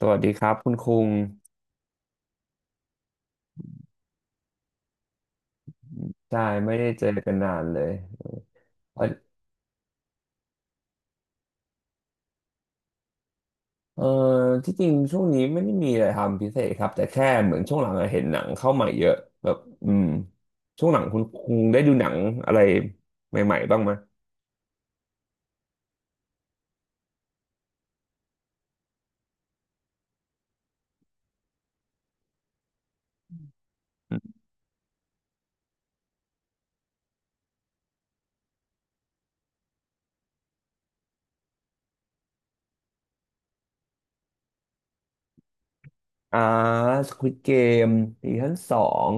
สวัสดีครับคุณคุงใช่ไม่ได้เจอกันนานเลยเออเออที่จริงช่วงนี้ไม่ได้มีอะไรทำพิเศษครับแต่แค่เหมือนช่วงหลังอะเห็นหนังเข้ามาเยอะแบบอืมช่วงหลังคุณคุงได้ดูหนังอะไรใหม่ๆบ้างไหมอมอ่าสควิดเกมซีซั่นสอง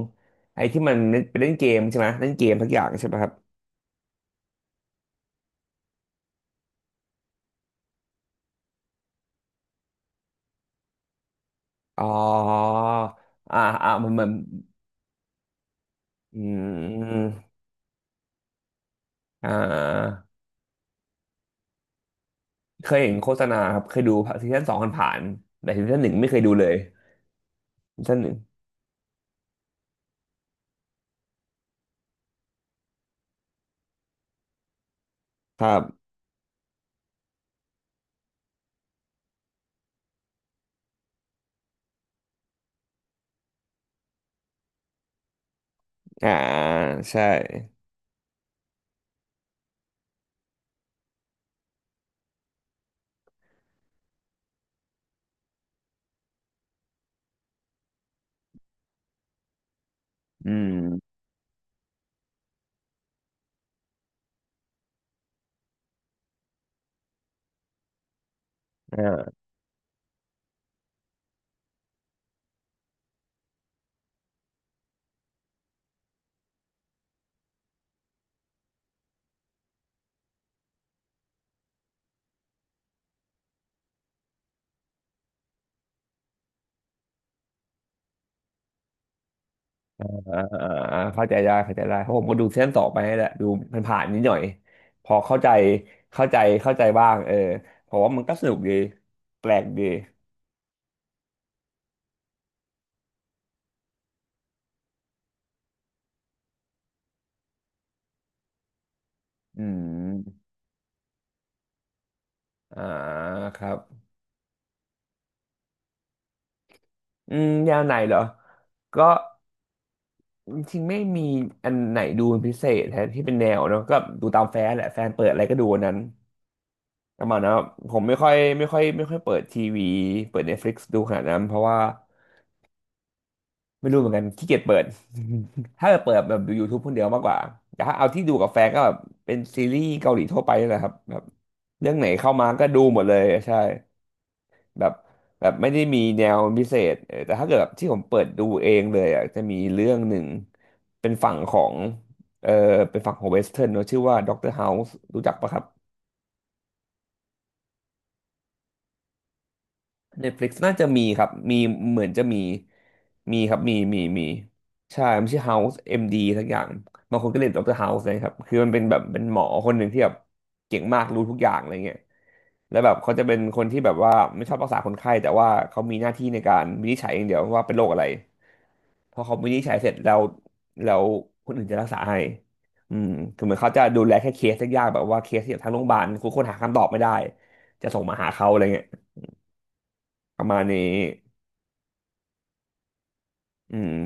ไอ้ที่มันไปเล่นเกมใช่ไหมเล่นเกมทุกอย่างใช่ไหมครับอ๋ออ่าอ่ามันเหมือนอืมอ่า เคยเห็นโฆษณาครับเคยดูซีซั่นสองผ่านๆแต่ซีซั่นหนึ่งไม่เคยดูเลยซีซั่นหนึ่งครับอ่าใช่อืมอ่าอ่าเข้าใจได้เข้าใจได้เพราะผมก็ดูซีซั่นสองไปนี่แหละดูมันผ่านๆนิดหน่อยพอเข้าใจเข้าใจบ้างเออเพราะว่ามันก็สนุกดีแปลกดีอืมอ่าครับอืมแนวไหนเหรอก็จริงๆไม่มีอันไหนดูเป็นพิเศษแทที่เป็นแนวเนอะก็ดูตามแฟนแหละแฟนเปิดอะไรก็ดูอันนั้น ประมาณนันอะผมไม่ค่อยเปิดทีวีเปิด Netflix ดูขนาดนั้นเพราะว่าไม่รู้เหมือนกันขี้เกียจเปิด ถ้าจะเปิดแบบดู YouTube คนเดียวมากกว่าแต่ถ้าเอาที่ดูกับแฟนก็แบบเป็นซีรีส์เกาหลีทั่วไปนี่แหละครับแบบเรื่องไหนเข้ามาก็ดูหมดเลยใช่แบบแบบไม่ได้มีแนวพิเศษเออแต่ถ้าเกิดแบบที่ผมเปิดดูเองเลยอ่ะจะมีเรื่องหนึ่งเป็นฝั่งของเออเป็นฝั่งของเวสเทิร์นเนอะชื่อว่าด็อกเตอร์เฮาส์รู้จักปะครับ Netflix น่าจะมีครับมีเหมือนจะมีมีครับมีใช่มันชื่อ House MD ทักอย่างบางคนก็เรียกด็อกเตอร์ House นะครับคือมันเป็นแบบเป็นหมอคนหนึ่งที่แบบเก่งมากรู้ทุกอย่างอะไรเงี้ยแล้วแบบเขาจะเป็นคนที่แบบว่าไม่ชอบรักษาคนไข้แต่ว่าเขามีหน้าที่ในการวินิจฉัยอย่างเดียวว่าเป็นโรคอะไรพอเขาวินิจฉัยเสร็จแล้วแล้วคนอื่นจะรักษาให้อืมคือเหมือนเขาจะดูแลแค่เคสยากๆแบบว่าเคสที่แบบทางโรงพยาบาลคุณคนหาคำตอบไม่ได้จะส่งมาหาเขาอะไรเงี้ยประมาณนี้ อืม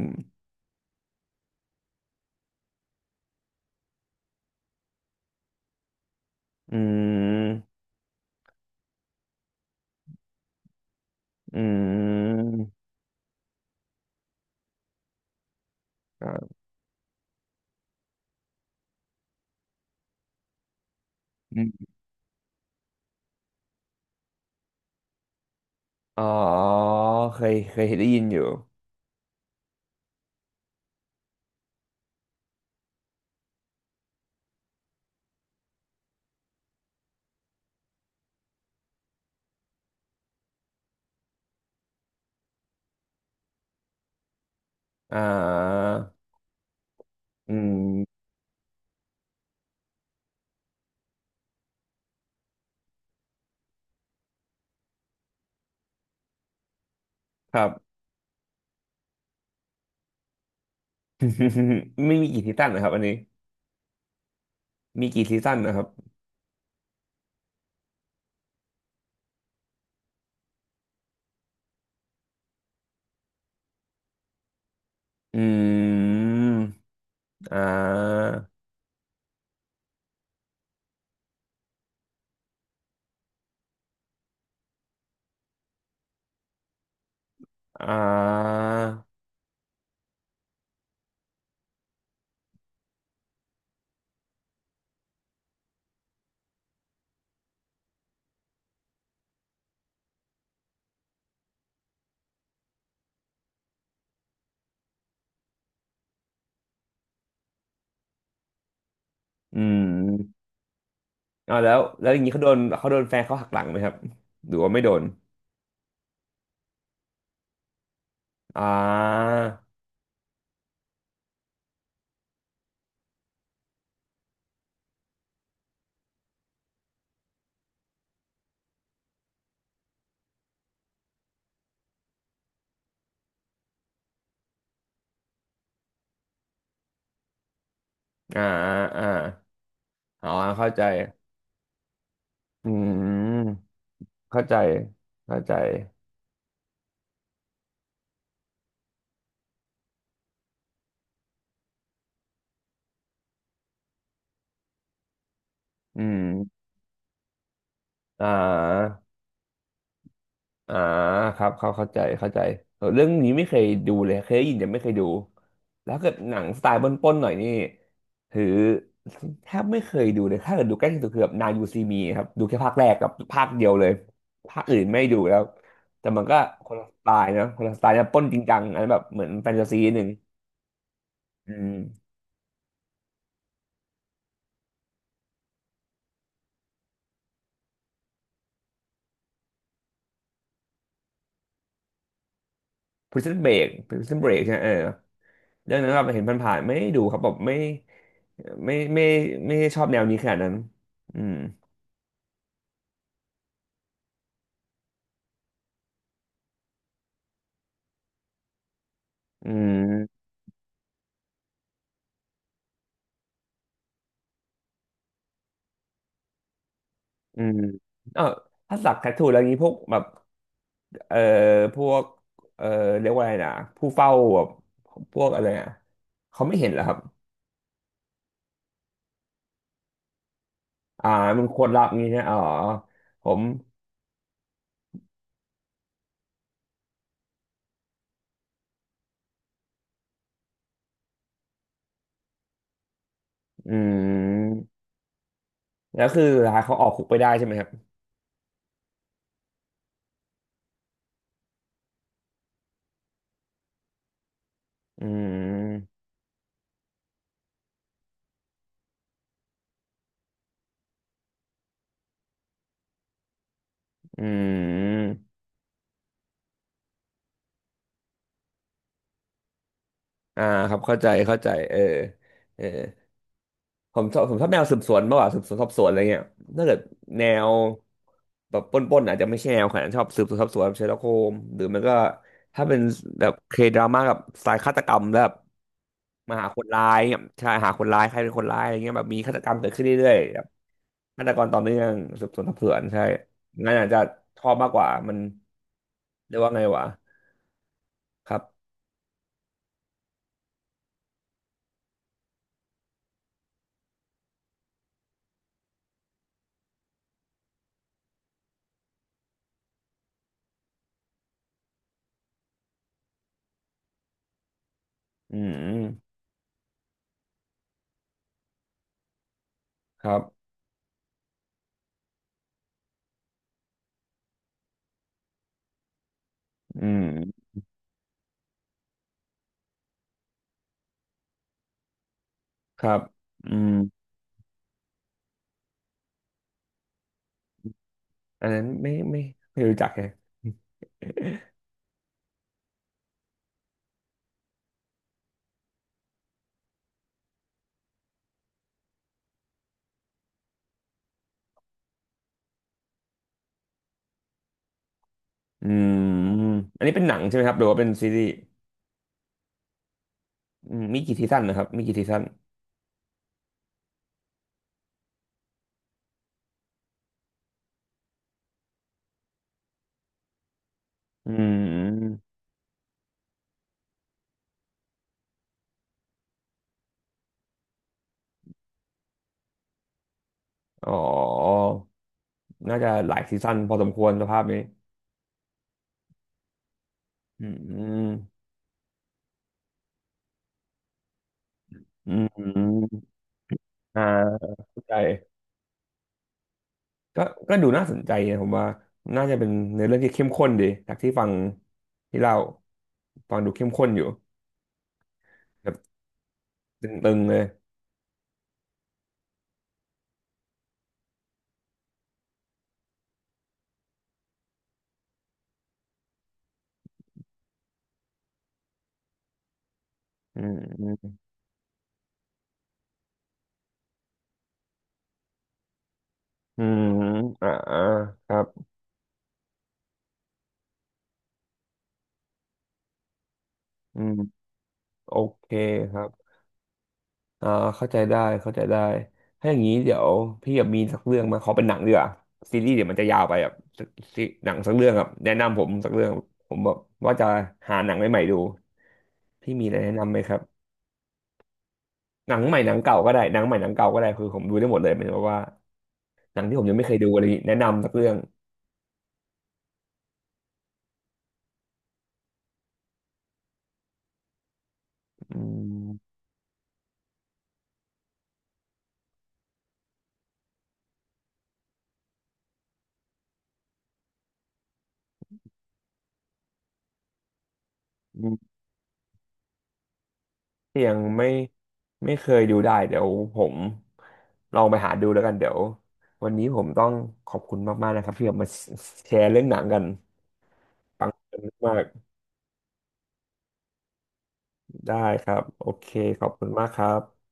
อืมอืมครับอืมอ๋อเคยได้ยินอยู่ อ่าอืมครับ ไม่มีกี่ซีซั่นนะครับอันนี้ มีกี่ซีซั่นนะครับอืมอ่าอ่าอืมอ่าแล้วแล้วอย่างนี้เขาโดนเขาโดนแฟนเขาหักหลังไหมครับหรือว่าไม่โดนอ่าอ่าอ่าอ๋อเข้าใจอืม เข้าใจเข้าใจอืมอ่าอ่าครับเขาเข้าใจเออเรื่องนี้ไม่เคยดูเลยเคยได้ยินแต่ไม่เคยดูแล้วเกิดหนังสไตล์ปล้นๆหน่อยนี่ถือแทบไม่เคยดูเลยถ้าเกิดดูใกล้ที่สุดคือแบบนายยูซีมีครับดูแค่ภาคแรกกับภาคเดียวเลยภาคอื่นไม่ดูแล้วแต่มันก็คนละสไตล์นะคนละสไตล์นะปล้นจริงจังอันนั้นแบบเหมือนแฟนตาซีนิดนึงอืม Prison Break Prison Break ใช่ไหมเออเรื่องนั้นเราเห็นผ่านๆไม่ได้ดูครับแบบไม่ไม่ได้ชอบแนวนี้ขนาดนั้นอืมอืมอืมเออถ้าสักแทททูแล้วนี้พวกแบบเอ่อพวกเอ่อเรียกว่าอะไรนะผู้เฝ้าแบบพวกอะไรอ่ะเขาไม่เห็นเหรอครับ อ่ามันควรรับงี้นะอ๋อ ผม อืม แล้วคือสุดท้ายเขาออกคุกไปได้ใช่ไหมครับอืมอืม อ่าครับเข้าใจเออผมชอบผมชอบแนวสืบสวนมากกว่าสืบสวนสอบสวนอะไรเงี้ยถ้าเกิดแนวแบบปล้นๆอาจจะไม่ใช่แนวขนาดนั้นชอบสืบสวนสอบสวนเชอร์ล็อกโฮมหรือมันก็ถ้าเป็นแบบเคดราม่ากับสายฆาตกรรมแล้วแบบมาหาคนร้ายเนี่ยใช่หาคนร้ายใครเป็นคนร้ายอะไรเงี้ยแบบมีฆาตกรรมเกิดขึ้นเรื่อยๆแบบฆาตกรต่อเนื่องสืบสวนสอบสวนใช่งั้นอาจจะชอบมากกว่ามันเรียกว่าไงวะครับอืมครับอืมครับอืม อันนั้นไม่ไม่รู้จักแฮะอืมอันนี้เป็นหนังใช่ไหมครับหรือว่าเป็นซีรีส์อืมมีกี่ซีซั่นนะครับมีกี่ซีซั่นอืมอ๋อน่าจะหลายซีซั่นพอสมควรสภาพนี้ อืมอืมอืมอ่าเข้าใจก็ก็ดูน่าสนใจนะผมว่า น่าจะเป็นในอเรื่องที่เข้มข้นดีจากที่ฟังที่เล่าฟังดูเข้มข้นอยู่แบบตึงๆเลย อืมอืมอืมอ่าอ่าครับอืมโอเคครับ อ่าเข้าใจได้เข้าใจได้ถ้าอย่างนี้เดี๋ยวพี่แบบมีสักเรื่องมาขอเป็นหนังดีกว่าซีรีส์เดี๋ยวมันจะยาวไปแบบสักซีหนังสักเรื่องครับแนะนำผมสักเรื่องผมแบบว่าจะหาหนังใหม่ๆดูพี่มีอะไรแนะนำไหมครับหนังใหม่หนังเก่าก็ได้คือผมดูได้หมดเลยหมายถึงว่าหนังที่ผมยังไม่เคยดูอะไรอย่างงี้แนะนำสักเรื่องอืมที่ยังไม่เคยดูได้เดี๋ยวผมลองไปหาดูแล้วกันเดี๋ยววันนี้ผมต้องขอบคุณมากๆนะครับที่แบบมาแชร์เรื่องหนังกัน ฟังเพลินมากได้ครับโอเคขอบคุณมากครับ